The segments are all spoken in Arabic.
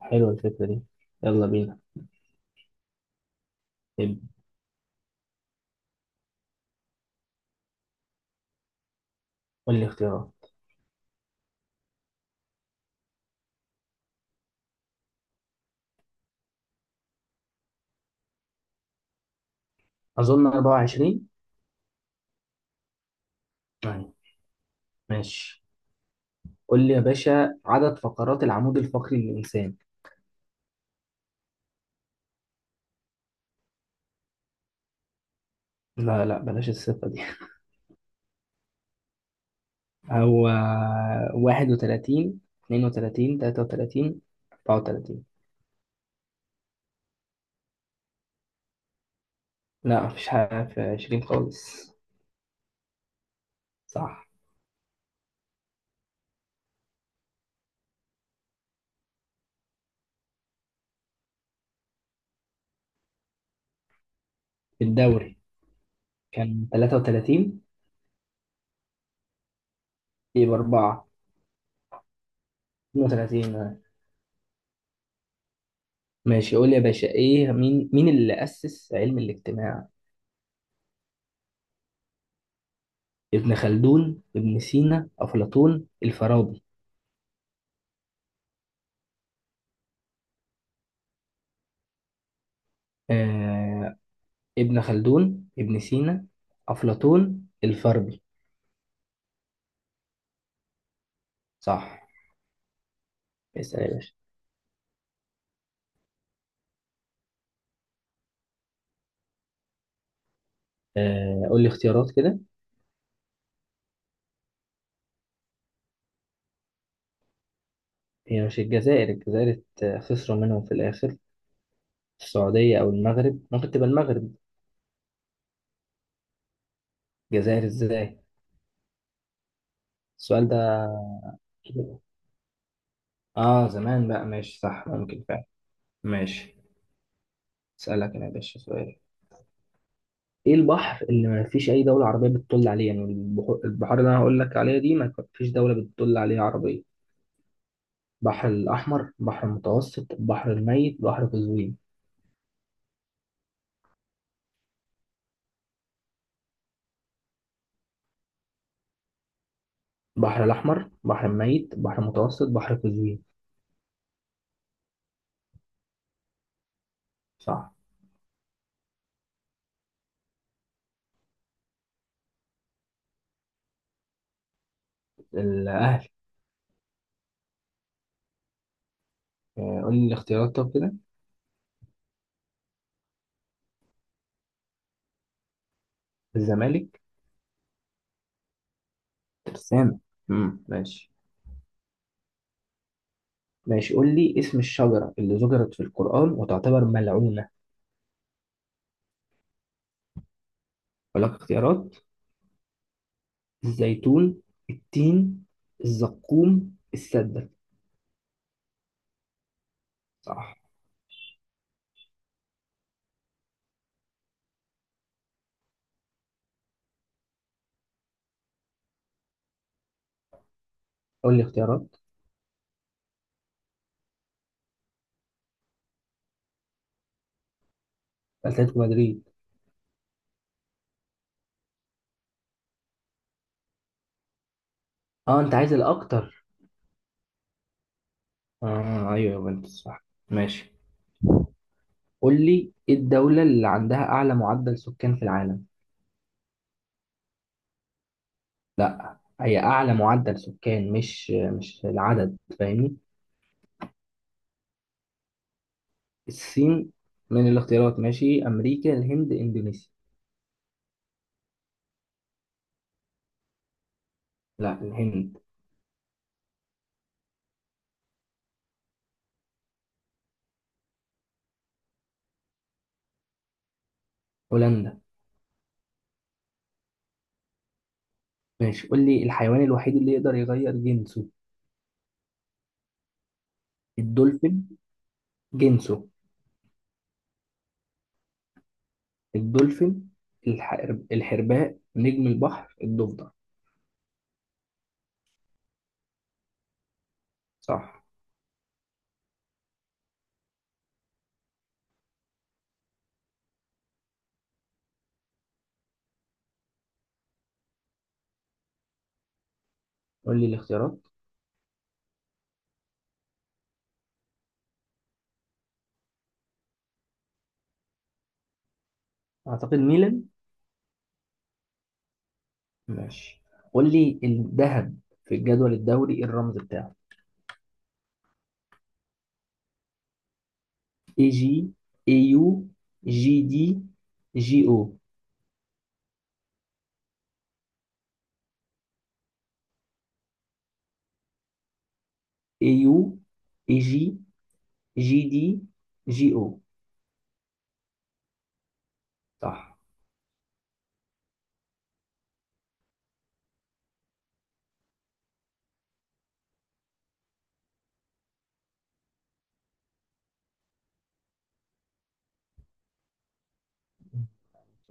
حلوة الفكرة دي. يلا بينا. ابدأ. قول لي اختيارات. أظن 24. أيوة، ماشي. قول لي يا باشا، عدد فقرات العمود الفقري للإنسان. لا لا، بلاش الصفة دي. هو 31، 32، 33، 34؟ لا، مفيش حاجة في 20 خالص. صح. الدوري. كان 33. يبقى 4. 32. ماشي، قول لي يا باشا ايه مين اللي أسس علم الاجتماع؟ ابن خلدون، ابن سينا، أفلاطون، الفارابي. آه ابن خلدون، ابن سينا، أفلاطون، الفارابي. صح. اسأل يا باشا. قول لي اختيارات كده. هي مش الجزائر الجزائر خسروا منهم في الآخر؟ السعودية أو المغرب، ممكن تبقى المغرب. الجزائر ازاي السؤال ده؟ اه زمان بقى، ماشي، صح، ممكن فعلا. ماشي. اسألك انا يا باشا سؤال. ايه البحر اللي ما فيش اي دوله عربيه بتطل عليه؟ يعني البحار اللي انا هقول لك عليها دي ما فيش دوله بتطل عليها عربيه. البحر الاحمر، بحر المتوسط، بحر الميت، بحر قزوين. البحر الاحمر، بحر الميت، بحر المتوسط، بحر قزوين. صح. الاهلي. آه، قول لي الاختيارات طب كده. الزمالك. ترسانة. امم، ماشي. ماشي، قول لي اسم الشجره اللي ذكرت في القران وتعتبر ملعونه. اقول لك اختيارات. الزيتون، التين، الزقوم، السدة. صح. قول لي اختيارات. اتلتيكو مدريد. اه انت عايز الاكتر. اه ايوه، يوفنتوس. صح. ماشي، قول لي ايه الدولة اللي عندها اعلى معدل سكان في العالم. لا، هي اعلى معدل سكان، مش العدد، فاهمني؟ الصين. من الاختيارات، ماشي، امريكا، الهند، اندونيسيا. لا، الهند. هولندا. ماشي، قول لي الحيوان الوحيد اللي يقدر يغير جنسه. الدولفين. جنسه. الدولفين. الح... الحرباء، نجم البحر، الضفدع. صح. قول لي الاختيارات. اعتقد ميلان. ماشي، قول لي الذهب في الجدول الدوري إيه الرمز بتاعه؟ اي جي، اي يو، جي دي، جي او. اي يو، اي جي، جي دي، جي او. صح.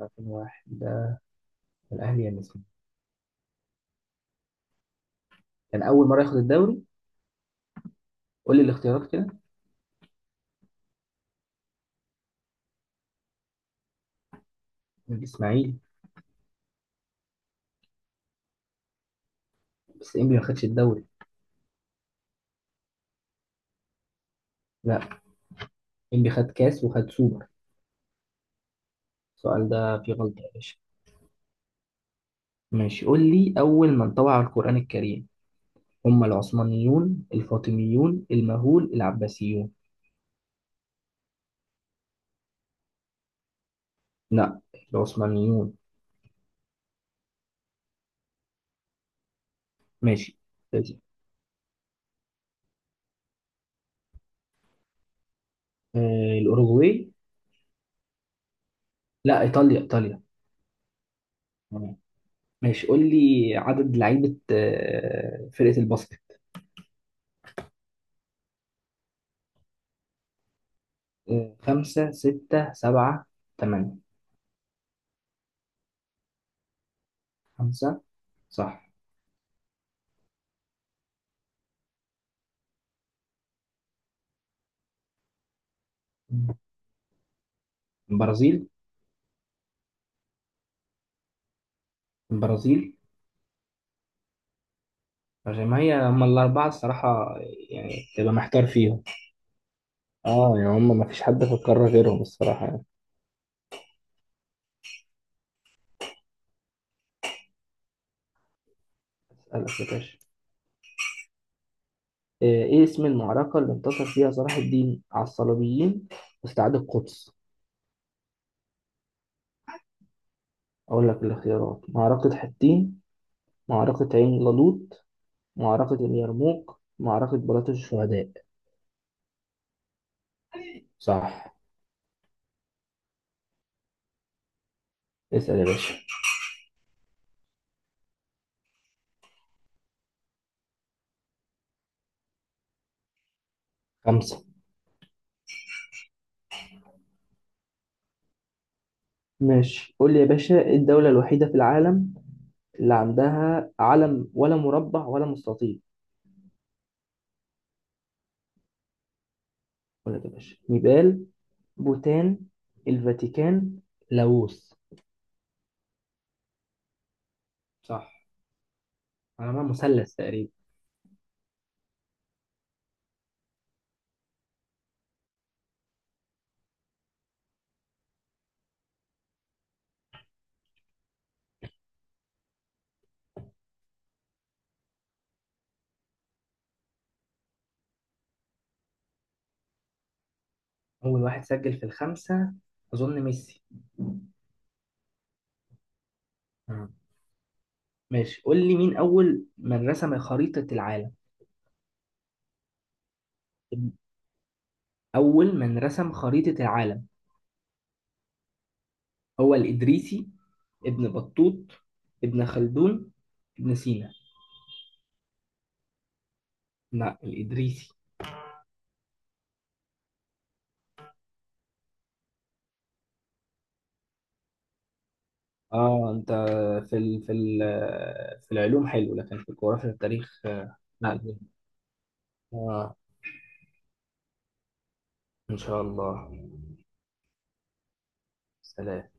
2001 ده. الاهلي يا الاسماعيلي. كان اول مره ياخد الدوري. قول لي الاختيارات كده. الاسماعيلي. بس انبي ما خدش الدوري. لا، انبي خد كاس وخد سوبر. السؤال ده فيه غلطه يا باشا. ماشي، قول لي اول من طبع القرآن الكريم. هم العثمانيون، الفاطميون، المغول، العباسيون. لا، العثمانيون. ماشي. ماشي. الأوروغواي. لا، إيطاليا إيطاليا. تمام. ماشي، قول لي عدد لعيبة فرقة الباسكت. خمسة، ستة، سبعة، تمانية. خمسة. صح. البرازيل. البرازيل. عشان ما هي هم الأربعة الصراحة، يعني تبقى محتار فيهم. اه يعني هم ما فيش حد في القارة غيرهم الصراحة يعني. أسألك يا باشا. ايه اسم المعركة اللي انتصر فيها صلاح الدين على الصليبيين واستعاد القدس؟ اقول لك الاختيارات. معركة حطين، معركة عين جالوت، معركة اليرموك، معركة بلاط الشهداء. صح. اسأل يا باشا. خمسة. ماشي، قول لي يا باشا ايه الدولة الوحيدة في العالم اللي عندها علم ولا مربع ولا مستطيل؟ اقول لك يا باشا، نيبال، بوتان، الفاتيكان، لاوس. صح. على ما مثلث تقريبا. أول واحد سجل في الخمسة. أظن ميسي. آه. ماشي، قول لي مين أول من رسم خريطة العالم. أول من رسم خريطة العالم. هو الإدريسي، ابن بطوط، ابن خلدون، ابن سينا. لا، الإدريسي. اه انت، في ال في ال في العلوم حلو، لكن في الجغرافيا والتاريخ لا. لا. اه، ان شاء الله. سلام.